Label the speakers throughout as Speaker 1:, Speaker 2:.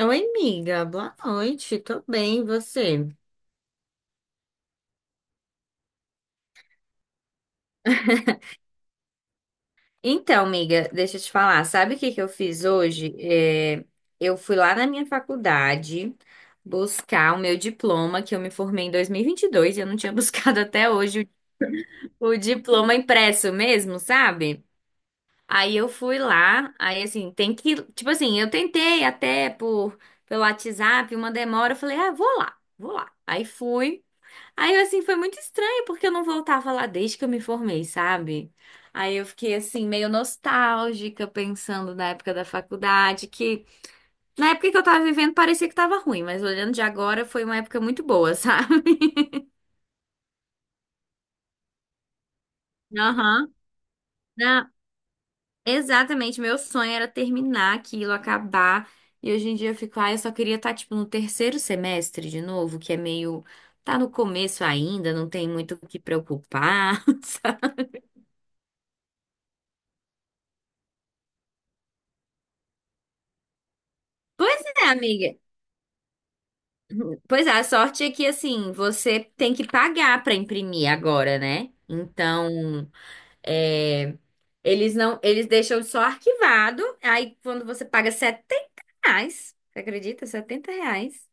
Speaker 1: Oi, amiga, boa noite, tô bem, e você? Então, amiga, deixa eu te falar, sabe o que que eu fiz hoje? Eu fui lá na minha faculdade buscar o meu diploma, que eu me formei em 2022 e 22 e eu não tinha buscado até hoje o diploma impresso mesmo, sabe? Aí eu fui lá, aí assim, tem que, tipo assim, eu tentei até por pelo WhatsApp, uma demora, eu falei, ah, vou lá, vou lá. Aí fui. Aí, assim, foi muito estranho, porque eu não voltava lá desde que eu me formei, sabe? Aí eu fiquei, assim, meio nostálgica, pensando na época da faculdade, que na época que eu tava vivendo parecia que tava ruim, mas olhando de agora foi uma época muito boa, sabe? Aham. Não, exatamente. Meu sonho era terminar aquilo, acabar. E hoje em dia eu fico, ah, eu só queria estar, tipo, no terceiro semestre de novo, que é meio. Tá no começo ainda, não tem muito o que preocupar, sabe? Pois é, amiga. Pois é, a sorte é que assim, você tem que pagar para imprimir agora, né? Então, é, eles não, eles deixam só arquivado. Aí quando você paga R$ 70, você acredita? R$ 70.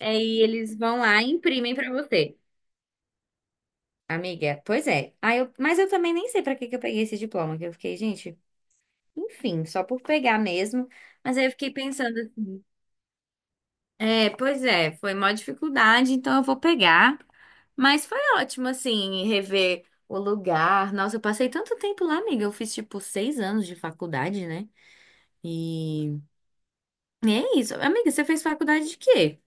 Speaker 1: Aí eles vão lá e imprimem para você. Amiga, pois é. Mas eu também nem sei para que que eu peguei esse diploma, que eu fiquei, gente, enfim, só por pegar mesmo. Mas aí eu fiquei pensando, pois é, foi maior dificuldade, então eu vou pegar. Mas foi ótimo, assim, rever o lugar. Nossa, eu passei tanto tempo lá, amiga. Eu fiz, tipo, 6 anos de faculdade, né? E e é isso. Amiga, você fez faculdade de quê?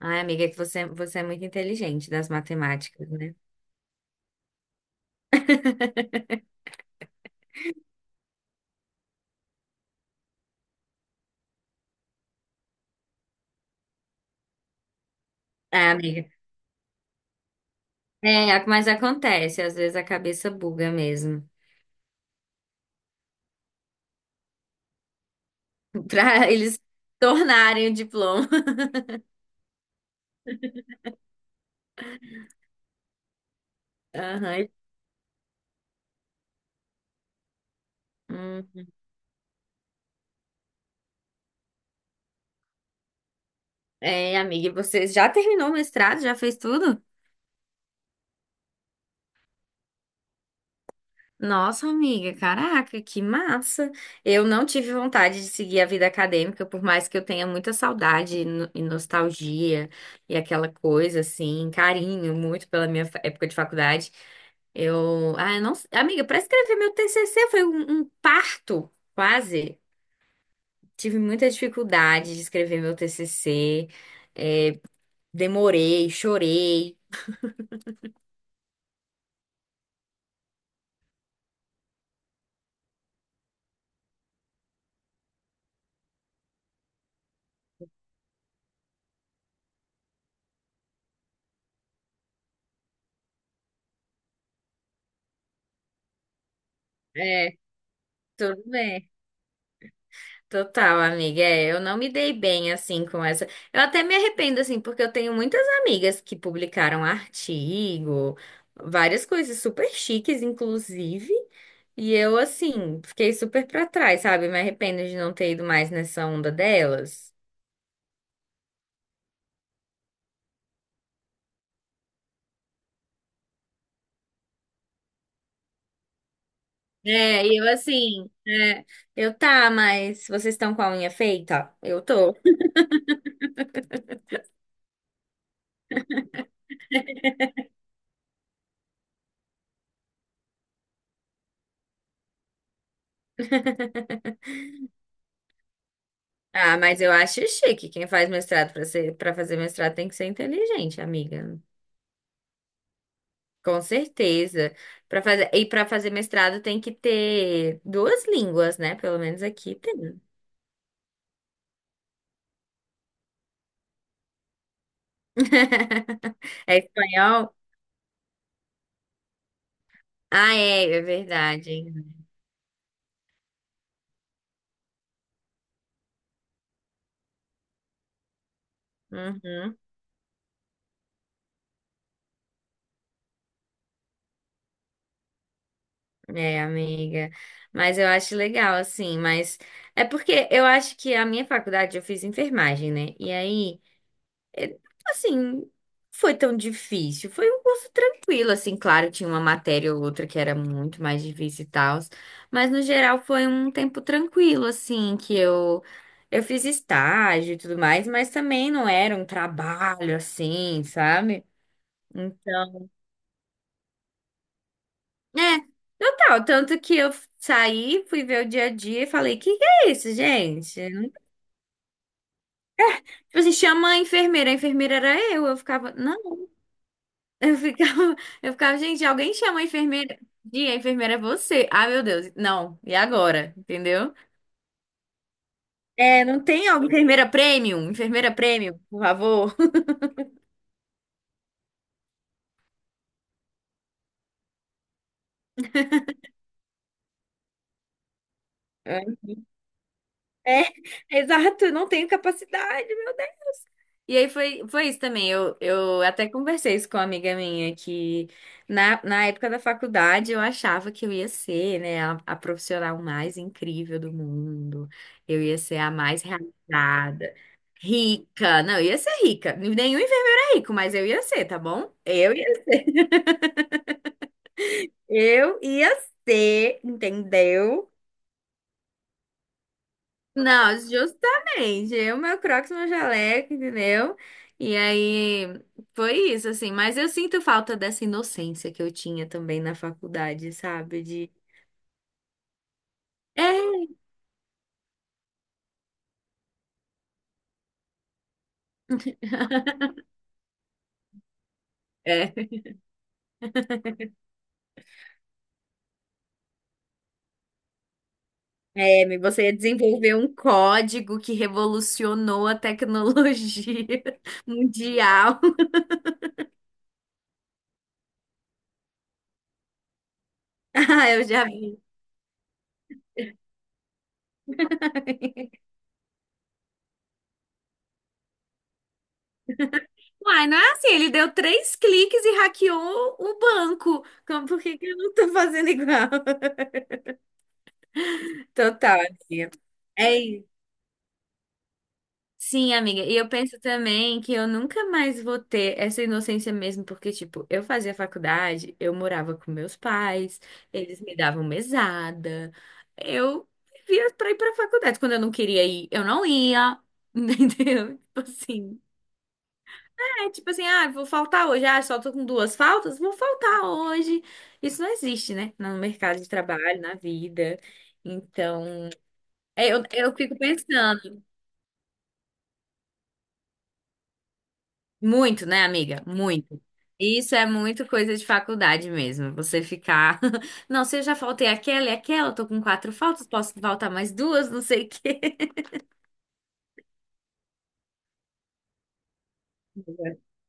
Speaker 1: Ai, amiga, é que você é muito inteligente das matemáticas, né? Ah, amiga. É, mas acontece, às vezes a cabeça buga mesmo. Pra eles tornarem o diploma. Aham. Hum. É, amiga, e você já terminou o mestrado? Já fez tudo? Nossa, amiga, caraca, que massa! Eu não tive vontade de seguir a vida acadêmica, por mais que eu tenha muita saudade e no- e nostalgia e aquela coisa assim, carinho muito pela minha época de faculdade. Eu, ah, eu não, Amiga, para escrever meu TCC foi um parto, quase. Tive muita dificuldade de escrever meu TCC, demorei, chorei. É, tudo bem. Total, amiga. É, eu não me dei bem assim com essa. Eu até me arrependo assim, porque eu tenho muitas amigas que publicaram artigo, várias coisas super chiques, inclusive. E eu assim, fiquei super pra trás, sabe? Me arrependo de não ter ido mais nessa onda delas. É, e eu assim, é, eu Tá, mas vocês estão com a unha feita? Eu tô. Ah, mas eu acho chique. Quem faz mestrado pra ser, Para fazer mestrado tem que ser inteligente, amiga. Com certeza. Para fazer mestrado tem que ter duas línguas, né? Pelo menos aqui tem. É espanhol? Ah, é, é verdade. Hein? Uhum. É, amiga. Mas eu acho legal assim, mas é porque eu acho que a minha faculdade eu fiz enfermagem, né? E aí É, Assim, foi tão difícil. Foi um curso tranquilo, assim, claro, tinha uma matéria ou outra que era muito mais difícil e tal, mas no geral foi um tempo tranquilo, assim, que eu fiz estágio e tudo mais, mas também não era um trabalho assim, sabe? Então, é, total, tanto que eu saí, fui ver o dia a dia e falei: que é isso, gente?" Tipo assim, chama a enfermeira era eu ficava, não. Eu ficava, eu ficava, gente, alguém chama a enfermeira. E a enfermeira é você. Ah, meu Deus. Não, e agora? Entendeu? É, não tem alguma enfermeira premium? Enfermeira premium, por favor. É, exato, não tenho capacidade. E aí foi isso também. Eu até conversei isso com uma amiga minha que na época da faculdade eu achava que eu ia ser, né, a profissional mais incrível do mundo. Eu ia ser a mais realizada, rica. Não, eu ia ser rica. Nenhum enfermeiro é rico, mas eu ia ser, tá bom? Eu ia ser, entendeu? Não, justamente. Meu Crocs, meu jaleco, entendeu? E aí foi isso, assim. Mas eu sinto falta dessa inocência que eu tinha também na faculdade, sabe? De. É, é. Você ia desenvolver um código que revolucionou a tecnologia mundial. Ah, eu já vi. Uai, não é assim, ele deu três cliques e hackeou o banco. Como, por que que eu não tô fazendo igual? Total, amiga. É Sim, amiga. E eu penso também que eu nunca mais vou ter essa inocência mesmo, porque, tipo, eu fazia faculdade, eu morava com meus pais, eles me davam mesada, eu vivia pra ir pra faculdade. Quando eu não queria ir, eu não ia, entendeu? Tipo assim. É tipo assim, ah, vou faltar hoje, ah, só tô com duas faltas, vou faltar hoje. Isso não existe, né? No mercado de trabalho, na vida. Então, eu fico pensando. Muito, né, amiga? Muito. Isso é muito coisa de faculdade mesmo. Você ficar. Não, se eu já faltei aquela e aquela, eu tô com quatro faltas, posso faltar mais duas, não sei o quê.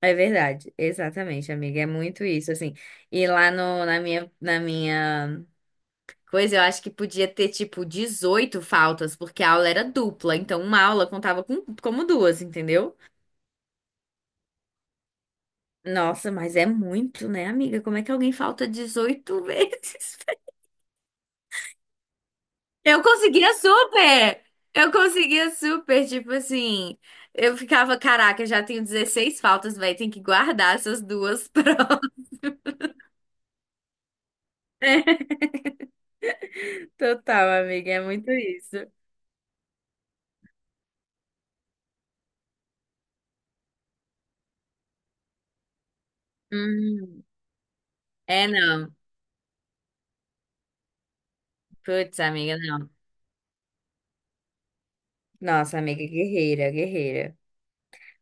Speaker 1: É verdade, exatamente, amiga. É muito isso, assim. E lá no, Na minha, na minha coisa, eu acho que podia ter, tipo, 18 faltas, porque a aula era dupla. Então, uma aula contava como duas, entendeu? Nossa, mas é muito, né, amiga? Como é que alguém falta 18 vezes? Eu conseguia super! Eu conseguia super, tipo assim. Eu ficava, caraca, já tenho 16 faltas, velho, tem que guardar essas duas prontas. Total, amiga, é muito isso. Hum, é não. Putz, amiga, não. Nossa, amiga, guerreira, guerreira.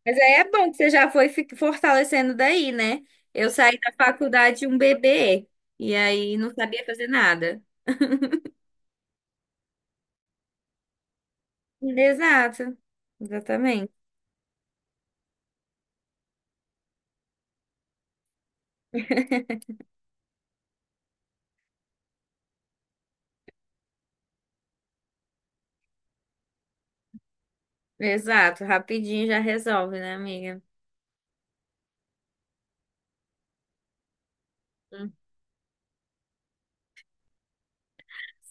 Speaker 1: Mas aí é bom que você já foi fortalecendo daí, né? Eu saí da faculdade um bebê e aí não sabia fazer nada. Exato, exatamente. Exato, rapidinho já resolve, né, amiga?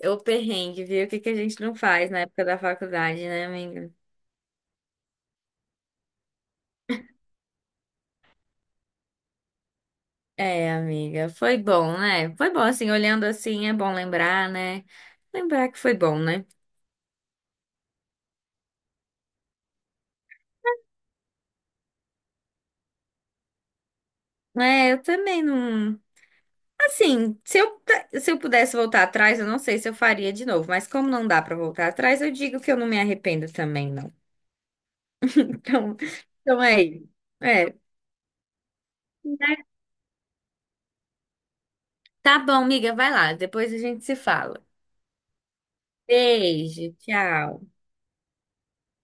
Speaker 1: É. O perrengue, viu? O que que a gente não faz na época da faculdade, né, amiga? É, amiga, foi bom, né? Foi bom, assim, olhando assim, é bom lembrar, né? Lembrar que foi bom, né? É, eu também não. Assim, se eu pudesse voltar atrás, eu não sei se eu faria de novo, mas como não dá pra voltar atrás, eu digo que eu não me arrependo também, não. Então, então é isso. É. Tá bom, amiga, vai lá, depois a gente se fala. Beijo, tchau.